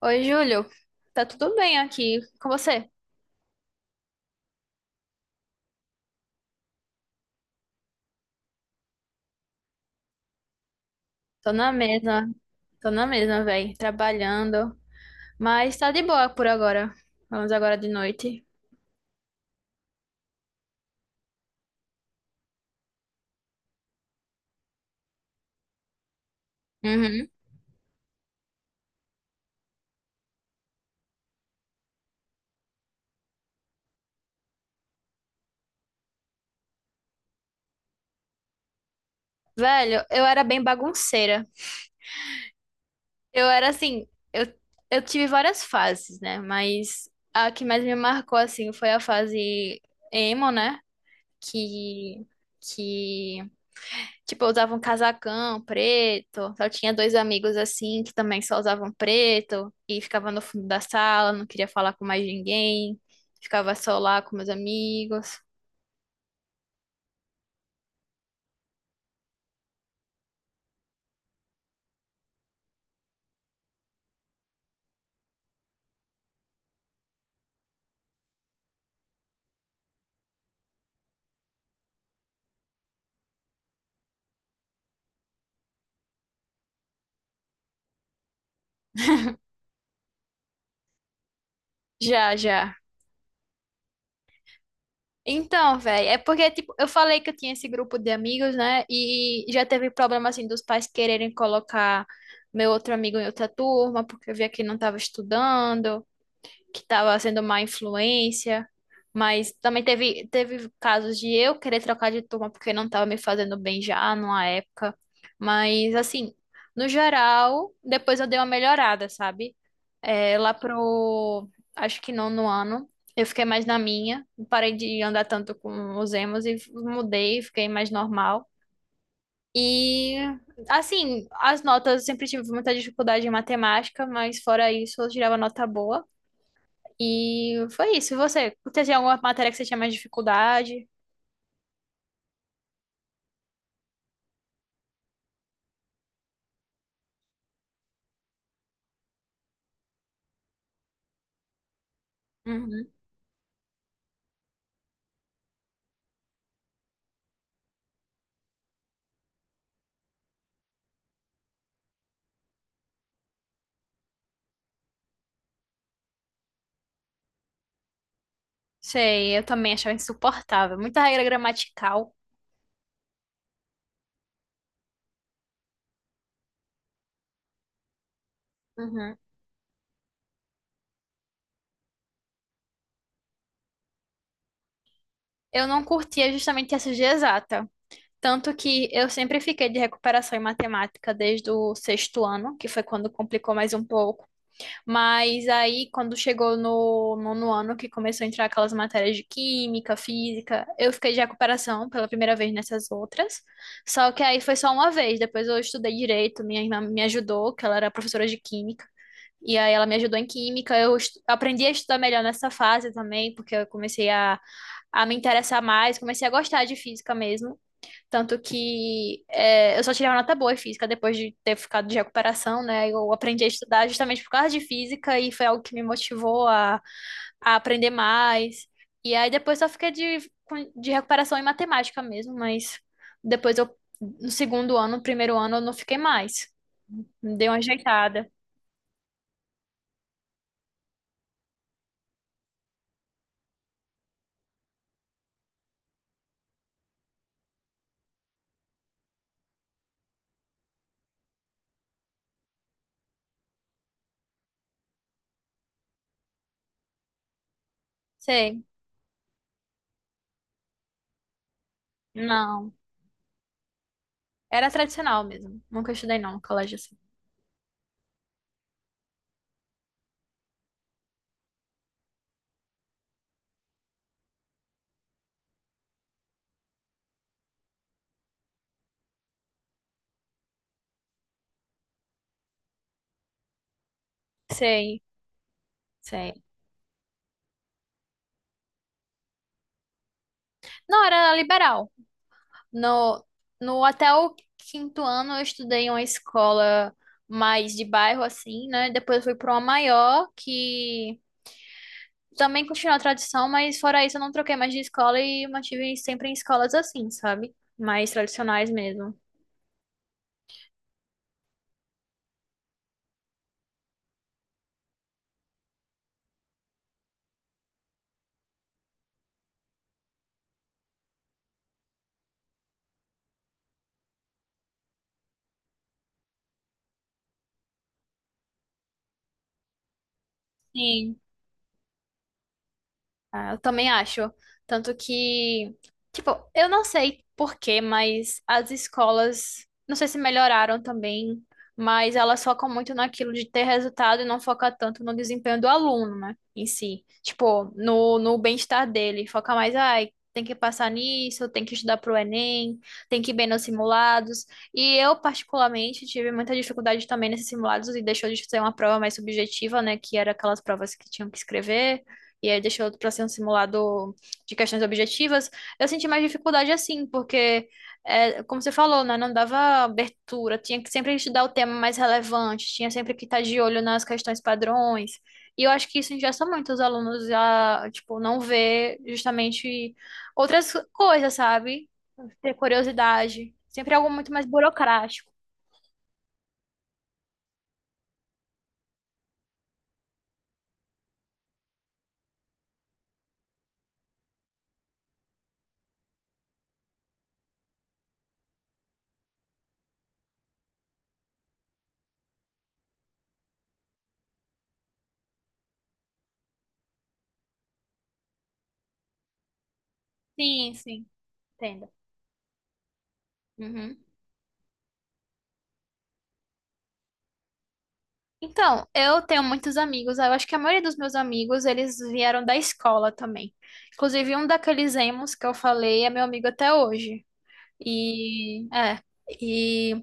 Oi, Júlio. Tá tudo bem aqui com você? Tô na mesma, tô na mesma, velho, trabalhando, mas tá de boa por agora. Vamos agora de noite. Uhum. Velho, eu era bem bagunceira. Eu era assim, eu, eu tive várias fases, né? Mas a que mais me marcou, assim, foi a fase emo, né? Que, que Tipo, eu usava um casacão preto. Só tinha dois amigos assim que também só usavam preto e ficava no fundo da sala, não queria falar com mais ninguém. Ficava só lá com meus amigos. Já, já. Então, velho, é porque, tipo, eu falei que eu tinha esse grupo de amigos, né? E já teve problema, assim, dos pais quererem colocar meu outro amigo em outra turma, porque eu via que ele não tava estudando, que estava sendo má influência, mas também teve casos de eu querer trocar de turma porque não estava me fazendo bem já numa época. Mas assim, no geral, depois eu dei uma melhorada, sabe? É, lá pro, acho que nono ano, eu fiquei mais na minha, parei de andar tanto com os emos e mudei, fiquei mais normal. E assim, as notas, eu sempre tive muita dificuldade em matemática, mas fora isso, eu tirava nota boa. E foi isso. E você? Teve alguma matéria que você tinha mais dificuldade? Uhum. Sei, eu também achava insuportável. Muita regra gramatical. Uhum. Eu não curtia justamente essa de exata. Tanto que eu sempre fiquei de recuperação em matemática desde o sexto ano, que foi quando complicou mais um pouco. Mas aí, quando chegou no nono ano, que começou a entrar aquelas matérias de química, física, eu fiquei de recuperação pela primeira vez nessas outras. Só que aí foi só uma vez. Depois eu estudei direito, minha irmã me ajudou, que ela era professora de química. E aí ela me ajudou em química. Aprendi a estudar melhor nessa fase também, porque eu comecei a me interessar mais, comecei a gostar de física mesmo. Tanto que é, eu só tirei uma nota boa em física depois de ter ficado de recuperação, né? Eu aprendi a estudar justamente por causa de física e foi algo que me motivou a aprender mais. E aí depois só fiquei de recuperação em matemática mesmo, mas depois no segundo ano, no primeiro ano, eu não fiquei mais. Dei uma ajeitada. Sei. Não, era tradicional mesmo. Nunca estudei não no colégio assim. Sei, sei. Não, era liberal. No, no até o quinto ano eu estudei em uma escola mais de bairro, assim, né? Depois eu fui para uma maior, que também continuou a tradição, mas fora isso eu não troquei mais de escola e mantive sempre em escolas assim, sabe? Mais tradicionais mesmo. Sim. Ah, eu também acho. Tanto que, tipo, eu não sei por quê, mas as escolas, não sei se melhoraram também, mas elas focam muito naquilo de ter resultado e não foca tanto no desempenho do aluno, né, em si. Tipo, no bem-estar dele. Foca mais, ai, tem que passar nisso, tem que estudar pro Enem, tem que ir bem nos simulados. E eu, particularmente, tive muita dificuldade também nesses simulados e deixou de ser uma prova mais subjetiva, né, que era aquelas provas que tinham que escrever e aí deixou para ser um simulado de questões objetivas, eu senti mais dificuldade assim, porque, é, como você falou, né, não dava abertura, tinha que sempre estudar o tema mais relevante, tinha sempre que estar de olho nas questões padrões, e eu acho que isso engessa muito os alunos a, tipo, não ver justamente outras coisas, sabe? Ter curiosidade, sempre algo muito mais burocrático. Sim, sim, entendo. Uhum. Então, eu tenho muitos amigos. Eu acho que a maioria dos meus amigos, eles vieram da escola também. Inclusive, um daqueles emos que eu falei é meu amigo até hoje. E, é, e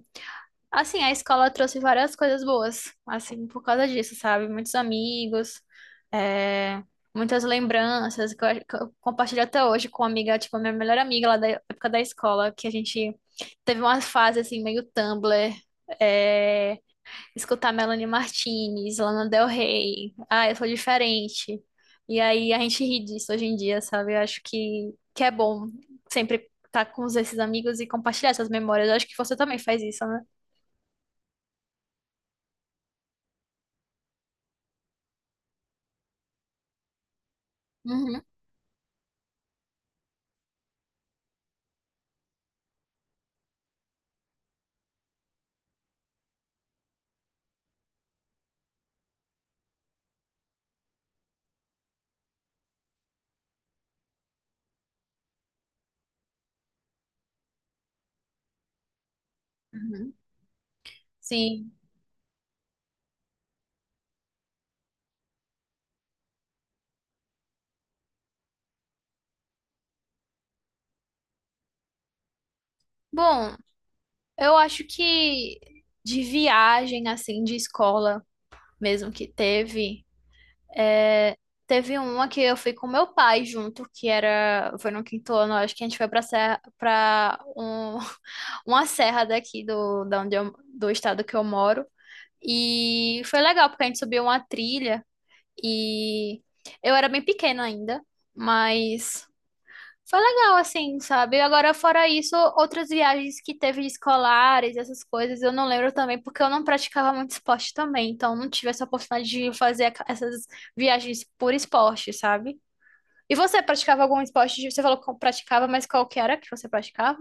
assim, a escola trouxe várias coisas boas, assim, por causa disso, sabe? Muitos amigos, é, muitas lembranças que eu, acho que eu compartilho até hoje com uma amiga, tipo, a minha melhor amiga lá da época da escola, que a gente teve uma fase, assim, meio Tumblr. é, Escutar Melanie Martinez, Lana Del Rey. Ah, eu sou diferente. E aí a gente ri disso hoje em dia, sabe? Eu acho que é bom sempre estar com esses amigos e compartilhar essas memórias. Eu acho que você também faz isso, né? Uhum, uhum. Sim. Bom, eu acho que de viagem, assim, de escola mesmo que teve. É, teve uma que eu fui com meu pai junto, que era, foi no quinto ano, acho que a gente foi pra serra, para um, uma serra daqui do, da onde eu, do estado que eu moro. E foi legal, porque a gente subiu uma trilha e eu era bem pequena ainda, mas foi legal, assim, sabe? Agora, fora isso, outras viagens que teve escolares, essas coisas, eu não lembro também, porque eu não praticava muito esporte também, então não tive essa oportunidade de fazer essas viagens por esporte, sabe? E você praticava algum esporte? Você falou que praticava, mas qual que era que você praticava?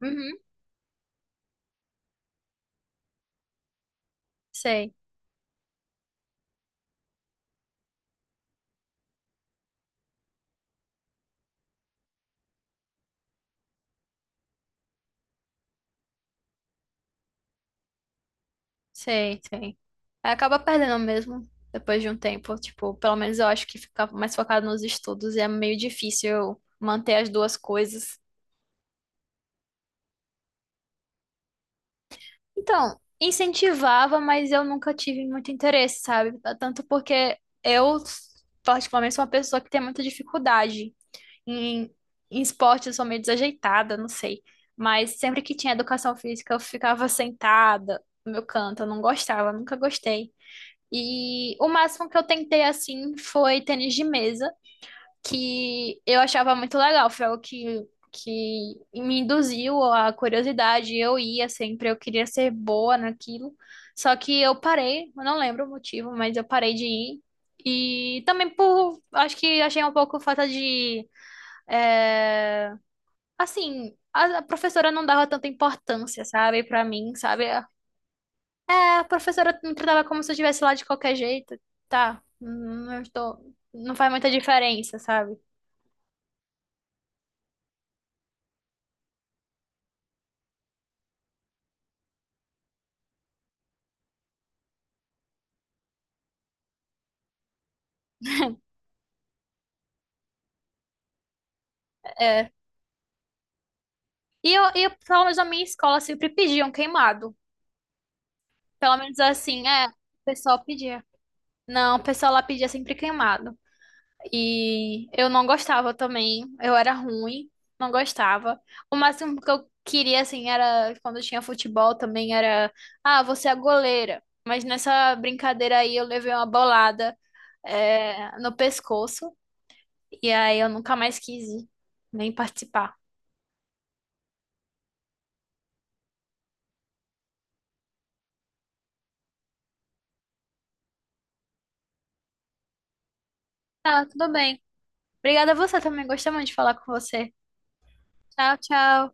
Uhum, sei, sei, sei. Aí acaba perdendo mesmo, depois de um tempo, tipo, pelo menos eu acho que ficava mais focado nos estudos e é meio difícil eu manter as duas coisas. Então, incentivava, mas eu nunca tive muito interesse, sabe? Tanto porque eu, particularmente, sou uma pessoa que tem muita dificuldade. Em, em esporte, eu sou meio desajeitada, não sei. Mas sempre que tinha educação física, eu ficava sentada no meu canto, eu não gostava, nunca gostei. E o máximo que eu tentei assim foi tênis de mesa que eu achava muito legal, foi algo que me induziu à curiosidade. Eu ia sempre, eu queria ser boa naquilo. Só que eu parei, eu não lembro o motivo, mas eu parei de ir. E também por, acho que achei um pouco falta de, é, assim, a professora não dava tanta importância, sabe, pra mim, sabe? É, a professora me tratava como se eu estivesse lá de qualquer jeito. Tá, não estou, não faz muita diferença, sabe? É. E eu, pelo menos na minha escola sempre pediam queimado. Pelo menos assim, é, o pessoal pedia. Não, o pessoal lá pedia sempre queimado. E eu não gostava também, eu era ruim, não gostava. O máximo que eu queria, assim, era quando tinha futebol também, era, ah, você é a goleira. Mas nessa brincadeira aí eu levei uma bolada, é, no pescoço, e aí eu nunca mais quis ir, nem participar. Ah, tudo bem. Obrigada a você também, gostei muito de falar com você. Tchau, tchau.